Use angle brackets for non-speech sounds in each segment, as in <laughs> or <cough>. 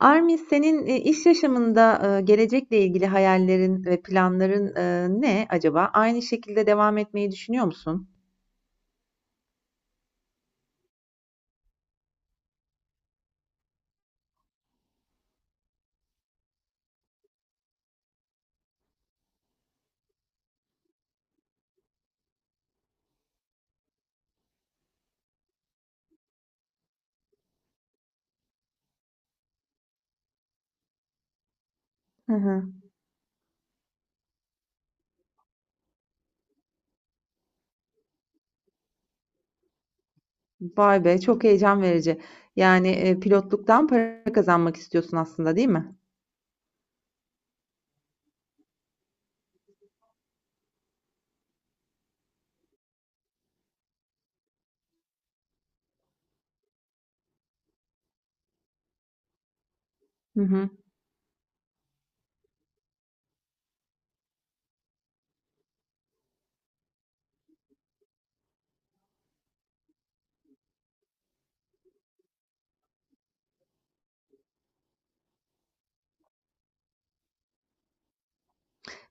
Armi, senin, iş yaşamında, gelecekle ilgili hayallerin ve planların, ne acaba? Aynı şekilde devam etmeyi düşünüyor musun? Hı hı. Vay be, çok heyecan verici. Yani, pilotluktan para kazanmak istiyorsun aslında, değil mi? Hı hı.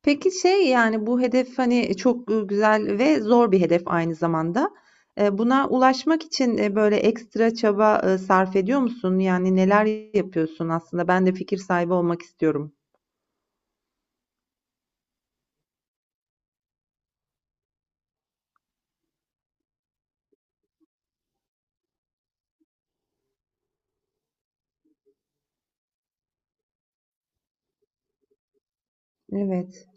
Peki şey, yani, bu hedef, hani, çok, güzel ve zor bir hedef aynı zamanda. Buna ulaşmak için, böyle ekstra çaba, sarf ediyor musun? Yani, neler yapıyorsun aslında? Ben de fikir sahibi olmak istiyorum. Evet.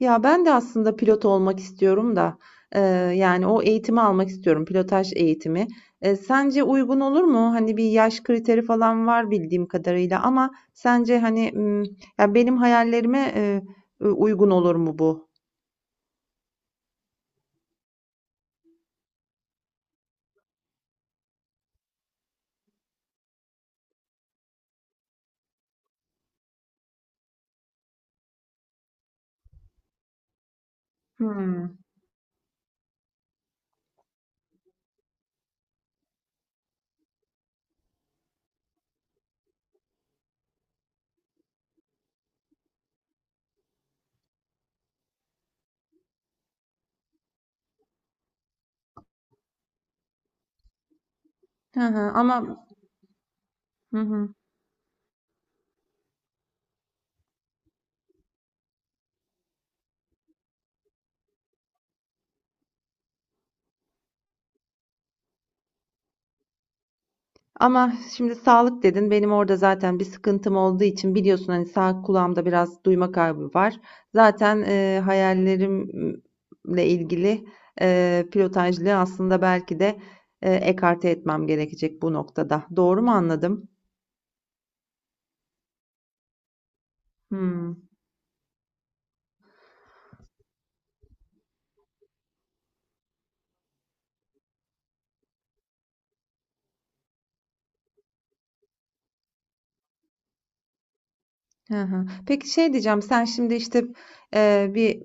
Ya ben de aslında pilot olmak istiyorum da e, yani o eğitimi almak istiyorum pilotaj eğitimi. Sence uygun olur mu? Hani bir yaş kriteri falan var bildiğim kadarıyla ama sence hani ya benim hayallerime uygun olur mu bu? Hmm. Hı hı, ama hı hı. Ama şimdi sağlık dedin. Benim orada zaten bir sıkıntım olduğu için biliyorsun hani sağ kulağımda biraz duyma kaybı var. Zaten hayallerimle ilgili pilotajlığı aslında belki de ekarte etmem gerekecek bu noktada. Doğru mu anladım? Hmm. Hı hı. Peki şey diyeceğim, sen şimdi işte bir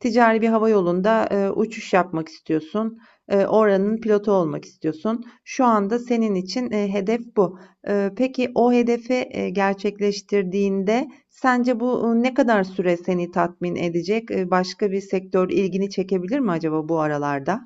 ticari bir hava yolunda uçuş yapmak istiyorsun. Oranın pilotu olmak istiyorsun. Şu anda senin için hedef bu. Peki o hedefi gerçekleştirdiğinde sence bu ne kadar süre seni tatmin edecek? Başka bir sektör ilgini çekebilir mi acaba bu aralarda?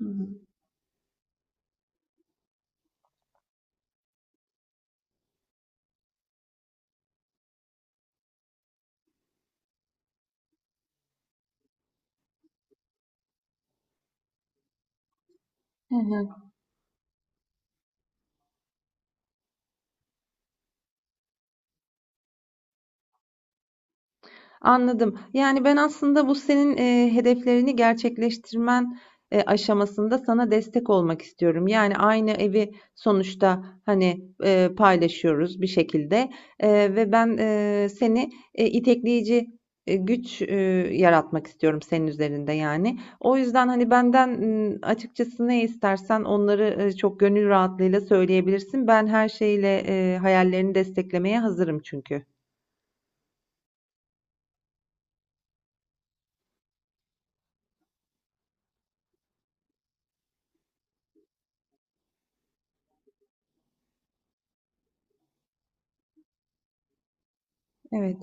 Hı hı. Hı hı. Anladım. Yani ben aslında bu senin hedeflerini gerçekleştirmen aşamasında sana destek olmak istiyorum. Yani aynı evi sonuçta hani paylaşıyoruz bir şekilde. Ve ben seni itekleyici güç yaratmak istiyorum senin üzerinde yani. O yüzden hani benden açıkçası ne istersen onları çok gönül rahatlığıyla söyleyebilirsin. Ben her şeyle hayallerini desteklemeye hazırım çünkü. Evet.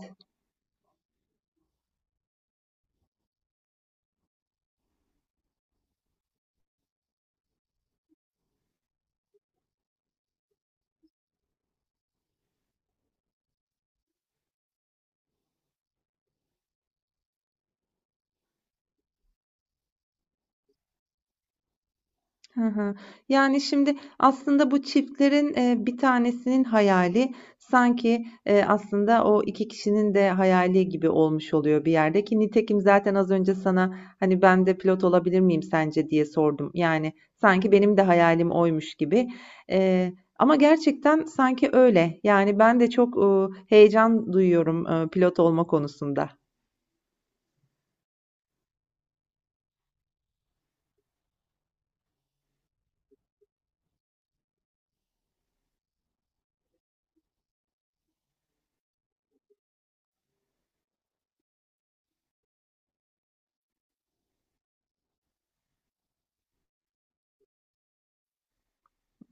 Hı hı. Yani şimdi aslında bu çiftlerin bir tanesinin hayali sanki aslında o iki kişinin de hayali gibi olmuş oluyor bir yerde ki nitekim zaten az önce sana hani ben de pilot olabilir miyim sence diye sordum. Yani sanki benim de hayalim oymuş gibi. E, Ama gerçekten sanki öyle. Yani ben de çok heyecan duyuyorum pilot olma konusunda.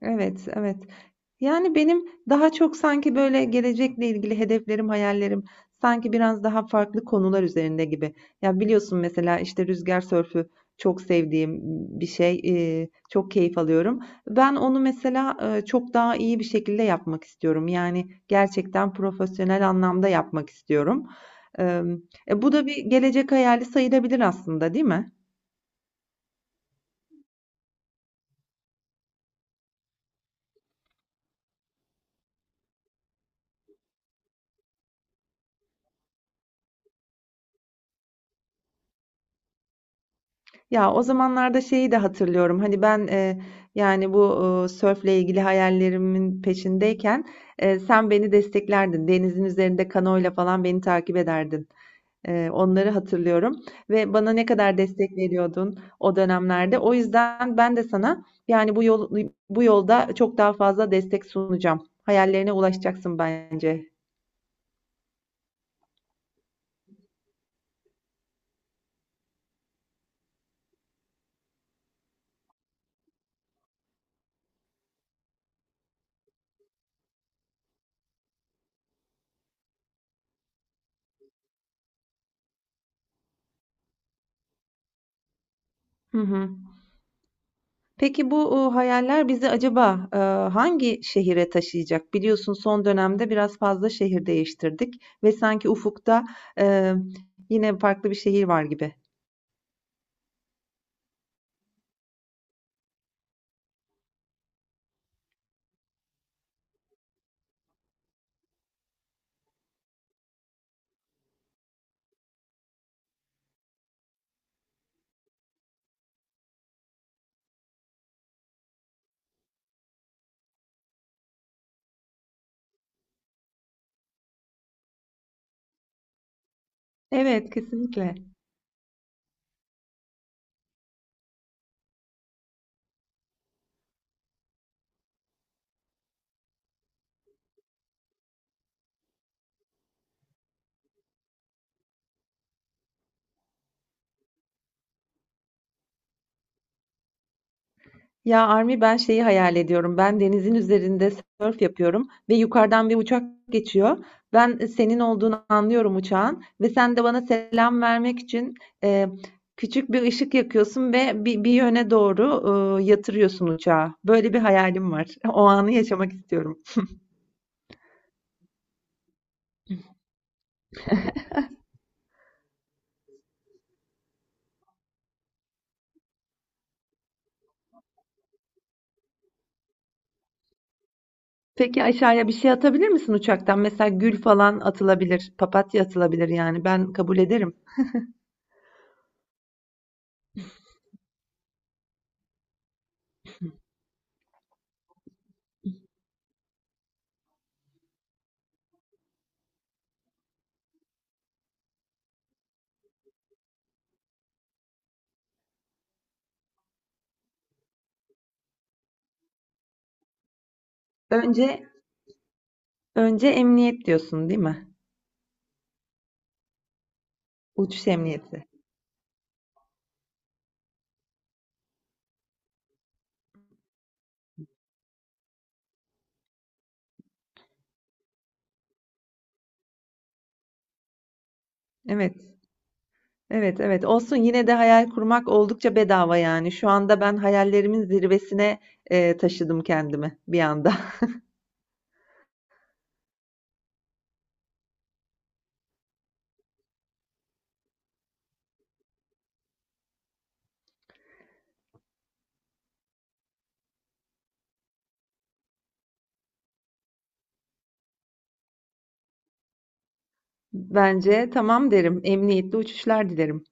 Evet, evet. Yani benim daha çok sanki böyle gelecekle ilgili hedeflerim, hayallerim sanki biraz daha farklı konular üzerinde gibi. Ya biliyorsun mesela işte rüzgar sörfü çok sevdiğim bir şey, çok keyif alıyorum. Ben onu mesela çok daha iyi bir şekilde yapmak istiyorum. Yani gerçekten profesyonel anlamda yapmak istiyorum. Eee, Bu da bir gelecek hayali sayılabilir aslında, değil mi? Ya o zamanlarda şeyi de hatırlıyorum. Hani ben yani bu sörfle ilgili hayallerimin peşindeyken sen beni desteklerdin. Denizin üzerinde kanoyla falan beni takip ederdin. Onları hatırlıyorum ve bana ne kadar destek veriyordun o dönemlerde. O yüzden ben de sana yani bu yolda çok daha fazla destek sunacağım. Hayallerine ulaşacaksın bence. Hı hı. Peki bu hayaller bizi acaba hangi şehire taşıyacak? Biliyorsun son dönemde biraz fazla şehir değiştirdik ve sanki ufukta e, yine farklı bir şehir var gibi. Evet, kesinlikle. Ya Armi, ben şeyi hayal ediyorum. Ben denizin üzerinde sörf yapıyorum ve yukarıdan bir uçak geçiyor. Ben senin olduğunu anlıyorum uçağın ve sen de bana selam vermek için e, küçük bir ışık yakıyorsun ve bir yöne doğru yatırıyorsun uçağı. Böyle bir hayalim var. <laughs> O anı yaşamak istiyorum. Peki aşağıya bir şey atabilir misin uçaktan? Mesela gül falan atılabilir, papatya atılabilir yani ben kabul ederim. Önce önce emniyet diyorsun, değil mi? Uçuş emniyeti. Evet, evet, evet. Olsun yine de hayal kurmak oldukça bedava yani. Şu anda ben hayallerimin zirvesine taşıdım kendimi bir anda. <laughs> Bence tamam derim. Emniyetli uçuşlar dilerim.